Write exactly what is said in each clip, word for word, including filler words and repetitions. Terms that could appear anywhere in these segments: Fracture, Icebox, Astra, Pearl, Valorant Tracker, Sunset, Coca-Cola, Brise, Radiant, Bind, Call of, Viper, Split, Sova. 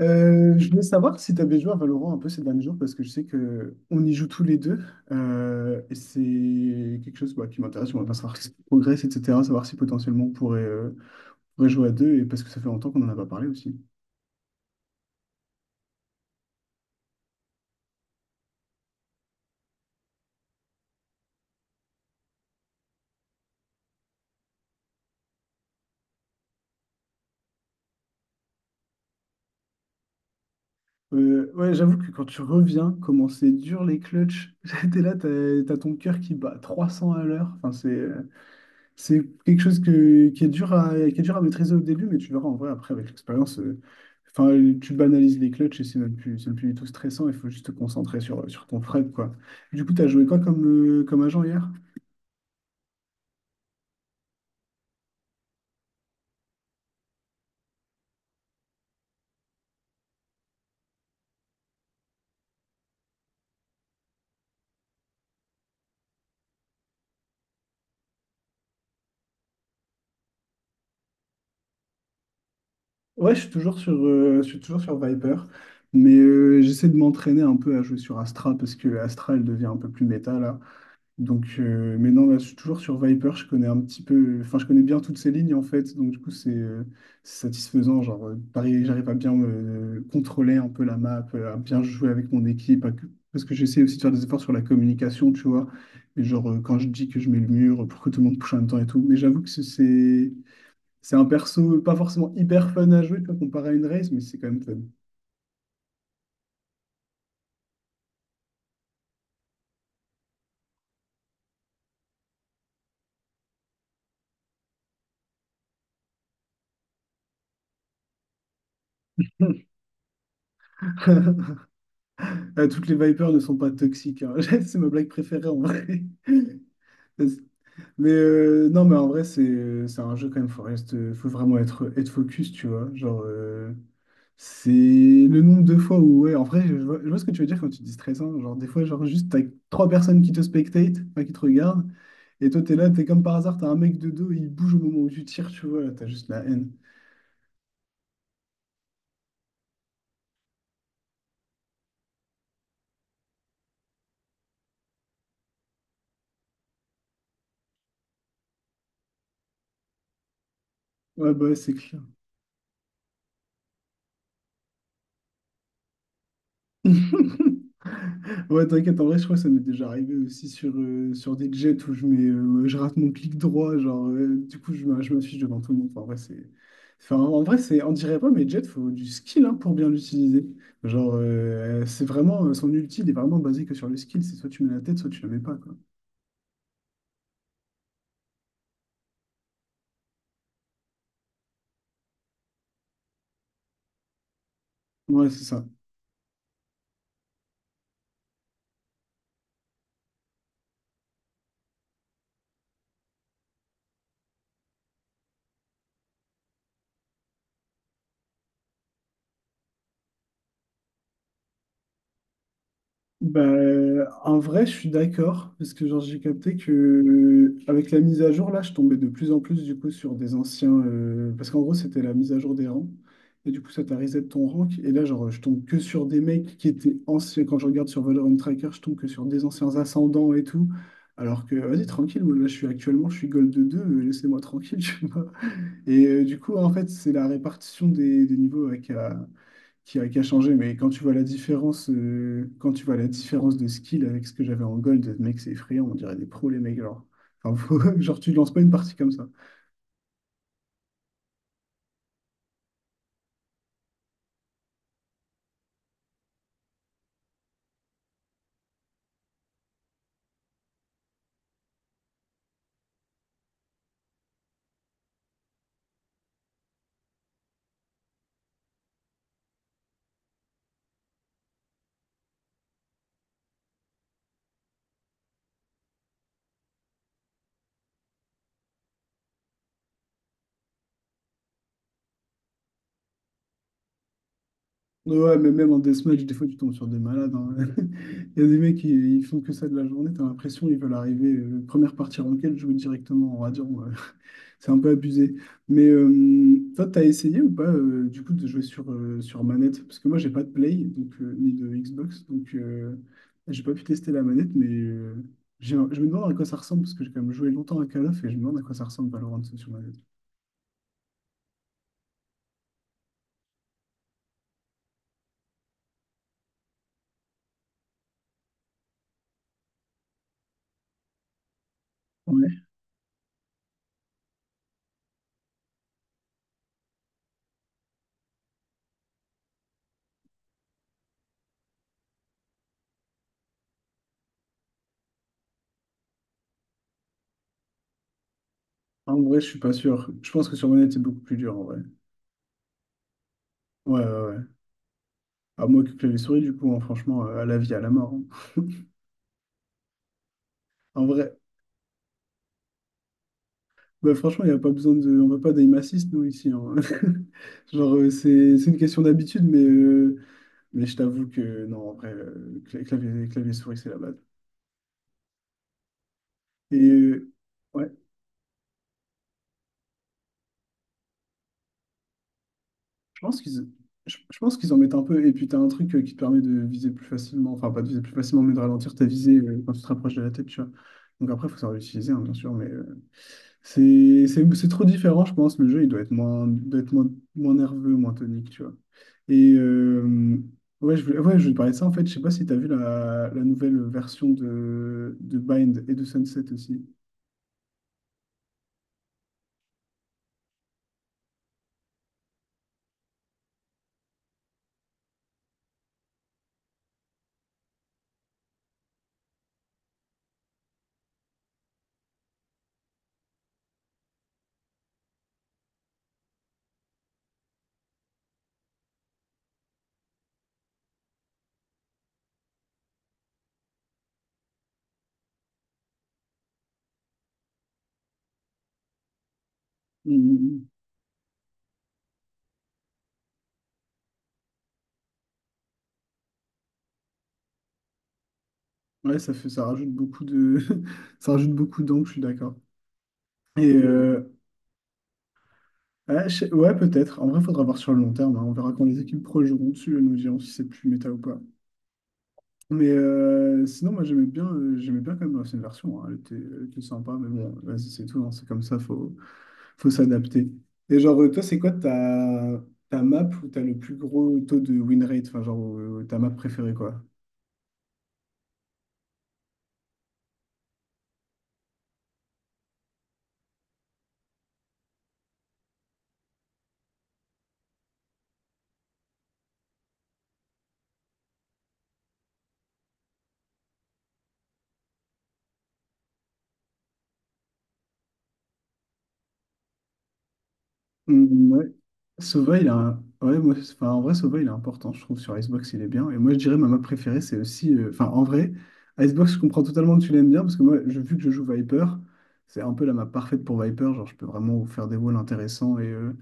Euh, je voulais savoir si tu avais joué à Valorant un peu ces derniers jours parce que je sais que on y joue tous les deux. Euh, et c'est quelque chose bah, qui m'intéresse. On va pas savoir si ça progresse, et cetera. Savoir si potentiellement on pourrait, euh, pourrait jouer à deux et parce que ça fait longtemps qu'on en a pas parlé aussi. Euh, ouais, j'avoue que quand tu reviens, comment c'est dur les clutches, t'es là, t'as, t'as ton cœur qui bat trois cents à l'heure. Enfin, c'est, C'est quelque chose que- qui est dur à, qui est dur à maîtriser au début, mais tu verras en vrai après avec l'expérience. euh, Enfin, tu banalises les clutches et c'est même plus, c'est même plus du tout stressant. Il faut juste te concentrer sur, sur ton Fred, quoi. Du coup, tu as joué quoi comme, euh, comme agent hier? Ouais, je suis toujours sur, euh, je suis toujours sur Viper, mais euh, j'essaie de m'entraîner un peu à jouer sur Astra parce que Astra, elle devient un peu plus méta là. Donc, euh, mais non, là, je suis toujours sur Viper. Je connais un petit peu, enfin, je connais bien toutes ces lignes en fait. Donc, du coup, c'est euh, c'est satisfaisant. Genre, euh, pareil, j'arrive à bien me euh, contrôler un peu la map, euh, à bien jouer avec mon équipe, à que- parce que j'essaie aussi de faire des efforts sur la communication, tu vois. Mais genre, euh, quand je dis que je mets le mur pour que tout le monde pousse en même temps et tout. Mais j'avoue que c'est c'est c'est un perso pas forcément hyper fun à jouer, tu vois, comparé à une race, mais c'est quand même fun. Euh, Toutes les Vipers ne sont pas toxiques, hein. C'est ma blague préférée en vrai. Mais euh, non, mais en vrai, c'est euh, c'est un jeu quand même, faut, reste, euh, faut vraiment être, être focus, tu vois. Genre, euh, c'est le nombre de fois où, ouais, en vrai, je vois, je vois ce que tu veux dire quand tu dis stressant. Genre, des fois, genre, juste, t'as trois personnes qui te spectatent, enfin, qui te regardent, et toi, t'es là, t'es comme par hasard, t'as un mec de dos, il bouge au moment où tu tires, tu vois, là, t'as juste la haine. Ouais, bah, ouais, c'est clair. Ouais, t'inquiète, en vrai, je crois que ça m'est déjà arrivé aussi sur, euh, sur des jets où je mets, euh, je rate mon clic droit, genre, euh, du coup, je, me- je m'affiche devant tout le monde. Enfin, en vrai, c'est, enfin, en vrai, c'est, on dirait pas, mais jet, faut du skill hein, pour bien l'utiliser. Genre, euh, c'est vraiment, euh, son ulti, il est vraiment basé que sur le skill, c'est soit tu mets la tête, soit tu la mets pas, quoi. Ouais, c'est ça. Bah, en vrai, je suis d'accord, parce que genre, j'ai capté que euh, avec la mise à jour, là, je tombais de plus en plus du coup sur des anciens, euh, parce qu'en gros, c'était la mise à jour des rangs. Et du coup, ça t'a reset ton rank. Et là, genre, je tombe que sur des mecs qui étaient anciens. Quand je regarde sur Valorant Tracker, je tombe que sur des anciens ascendants et tout. Alors que, vas-y, tranquille, moi, là, je suis actuellement, je suis Gold deux euh, laissez-moi tranquille, tu vois. Et euh, du coup, en fait, c'est la répartition des, des niveaux avec euh, qui a, qui a changé, mais quand tu vois la différence, euh, quand tu vois la différence de skill avec ce que j'avais en gold, mec, c'est effrayant, on dirait des pros, les mecs, genre. Enfin, faut- genre, tu lances pas une partie comme ça. Ouais, ouais, mais même en deathmatch, des fois, tu tombes sur des malades, hein. Il y a des mecs, qui ils font que ça de la journée, t'as l'impression ils veulent arriver, euh, première partie ranked, jouer directement en radiant, ouais. C'est un peu abusé. Mais euh, toi, t'as essayé ou pas euh, du coup de jouer sur, euh, sur manette? Parce que moi, j'ai pas de Play donc, euh, ni de Xbox, donc euh, j'ai- pas pu tester la manette, mais euh, j'ai- je me demande à quoi ça ressemble, parce que j'ai quand même joué longtemps à Call of et je me demande à quoi ça ressemble Valorant sur manette. Ouais. En vrai, je suis pas sûr. Je pense que sur manette, c'est beaucoup plus dur en vrai. Ouais, ouais, ouais. À moi que clavier souris, du coup, hein, franchement, euh, à la vie, à la mort, hein. En vrai, bah, franchement, il n'y a pas besoin de. On va pas d'aim assist, nous, ici, hein. Genre, euh, c'est c'est une question d'habitude, mais. euh, Mais je t'avoue que non, en vrai, euh, cla- clavier, clavier souris, c'est la base. Et euh, ouais, je pense qu'ils je, je pense qu'ils en mettent un peu. Et puis, tu as un truc euh, qui te permet de viser plus facilement, enfin, pas de viser plus facilement, mais de ralentir ta visée euh, quand tu te rapproches de la tête, tu vois. Donc, après, il faut savoir l'utiliser, hein, bien sûr, mais euh, c'est c'est- c'est trop différent, je pense. Le jeu, il doit être moins, doit être moins, moins nerveux, moins tonique, tu vois. Et euh, ouais, je voulais, ouais, je voulais te parler de ça, en fait. Je sais pas si tu as vu la, la nouvelle version de, de Bind et de Sunset aussi. Ouais, ça fait, ça rajoute beaucoup de, ça rajoute beaucoup d'angles, je suis d'accord. Et euh, ouais, je sais- ouais, peut-être. En vrai, faudra voir sur le long terme, hein. On verra quand les équipes pro joueront dessus, nous dirons si c'est plus méta ou pas. Mais euh, sinon, moi, j'aimais bien, euh, j'aimais bien quand même l'ancienne version, hein. Elle était, elle était sympa, mais bon, vas-y, c'est tout, hein. C'est comme ça, faut, faut s'adapter. Et genre, euh, toi, c'est quoi ta, ta map où t'as le plus gros taux de win rate? Enfin, genre, euh, ta map préférée, quoi? Mm, ouais. Sova, il a un... ouais, moi, c'est- enfin, en vrai, Sova, il est important, je trouve, sur Icebox, il est bien. Et moi, je dirais, ma map préférée, c'est aussi... euh, Enfin, en vrai, Icebox, je comprends totalement que tu l'aimes bien, parce que moi, je, vu que je joue Viper, c'est un peu la map parfaite pour Viper. Genre, je peux vraiment vous faire des walls intéressants et, euh,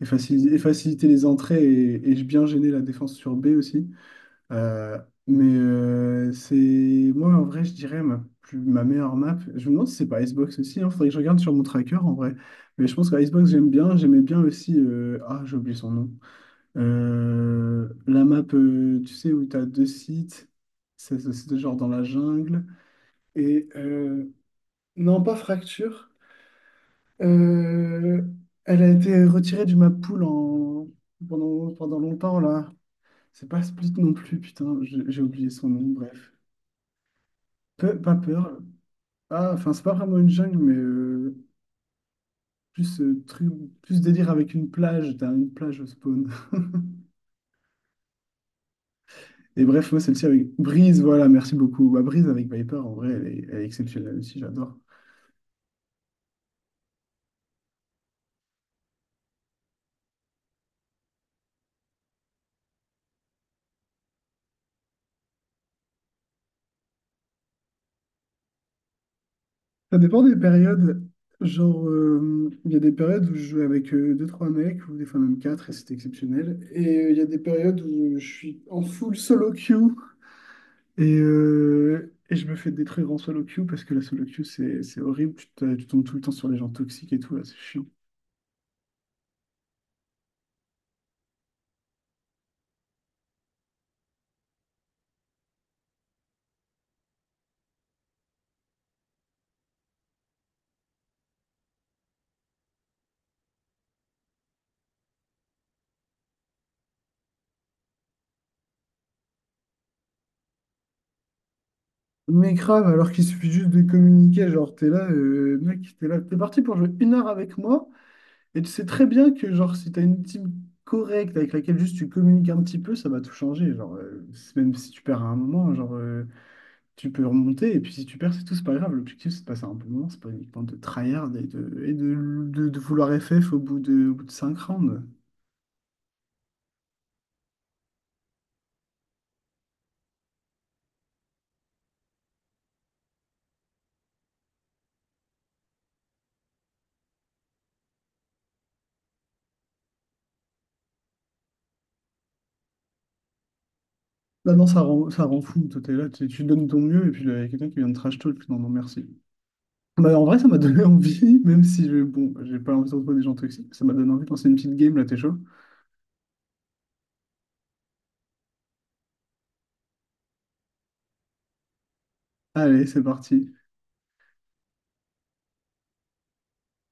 et, faciliter, et faciliter les entrées et, et bien gêner la défense sur B aussi. Euh, mais euh, c'est moi en vrai, je dirais ma, plus, ma meilleure map. Je me demande si c'est pas Icebox aussi. Il faudrait que je regarde sur mon tracker en vrai. Mais je pense que Icebox, j'aime bien. J'aimais bien aussi. euh, Ah, j'ai oublié son nom. Euh, la map, euh, tu sais, où tu as deux sites. C'est ce site genre dans la jungle. Et euh, non, pas Fracture. Euh, Elle a été retirée du map pool en... pendant, pendant longtemps là. C'est pas Split non plus, putain, j'ai j'ai oublié son nom, bref. Pe- pas Pearl. Ah, enfin, c'est pas vraiment une jungle, mais euh, plus, euh, tru- plus délire avec une plage. T'as une plage au spawn. Et bref, moi, celle-ci avec Brise, voilà, merci beaucoup. Bah, Brise avec Viper, en vrai, elle est, elle est exceptionnelle aussi, j'adore. Ça dépend des périodes. Genre, euh, il y a des périodes où je jouais avec euh, deux trois mecs, ou des fois même quatre et c'était exceptionnel. Et euh, il y a des périodes où je suis en full solo queue. Et, euh, et je me fais détruire en solo queue parce que la solo queue, c'est c'est horrible. Tu, te- tu tombes tout le temps sur les gens toxiques et tout, là, c'est chiant. Mais grave, alors qu'il suffit juste de communiquer, genre, t'es là, euh, mec, t'es là, t'es parti pour jouer une heure avec moi, et tu sais très bien que, genre, si t'as une team correcte avec laquelle juste tu communiques un petit peu, ça va tout changer. Genre, euh, c'est- même si tu perds à un moment, genre, euh, tu peux remonter, et puis si tu perds, c'est tout, c'est pas grave. L'objectif, c'est de passer un bon moment, c'est pas uniquement de tryhard et de, et de, de, de vouloir F F au bout de, au bout de cinq rounds. Bah non, ça rend, ça rend fou. Toi, t'es là, tu, tu donnes ton mieux, et puis là, il y a quelqu'un qui vient de trash talk. Non, non, merci. Bah, en vrai, ça m'a donné envie, même si je, bon, j'ai pas envie de trouver des gens toxiques. Ça m'a donné envie de lancer une petite game, là, t'es chaud? Allez, c'est parti.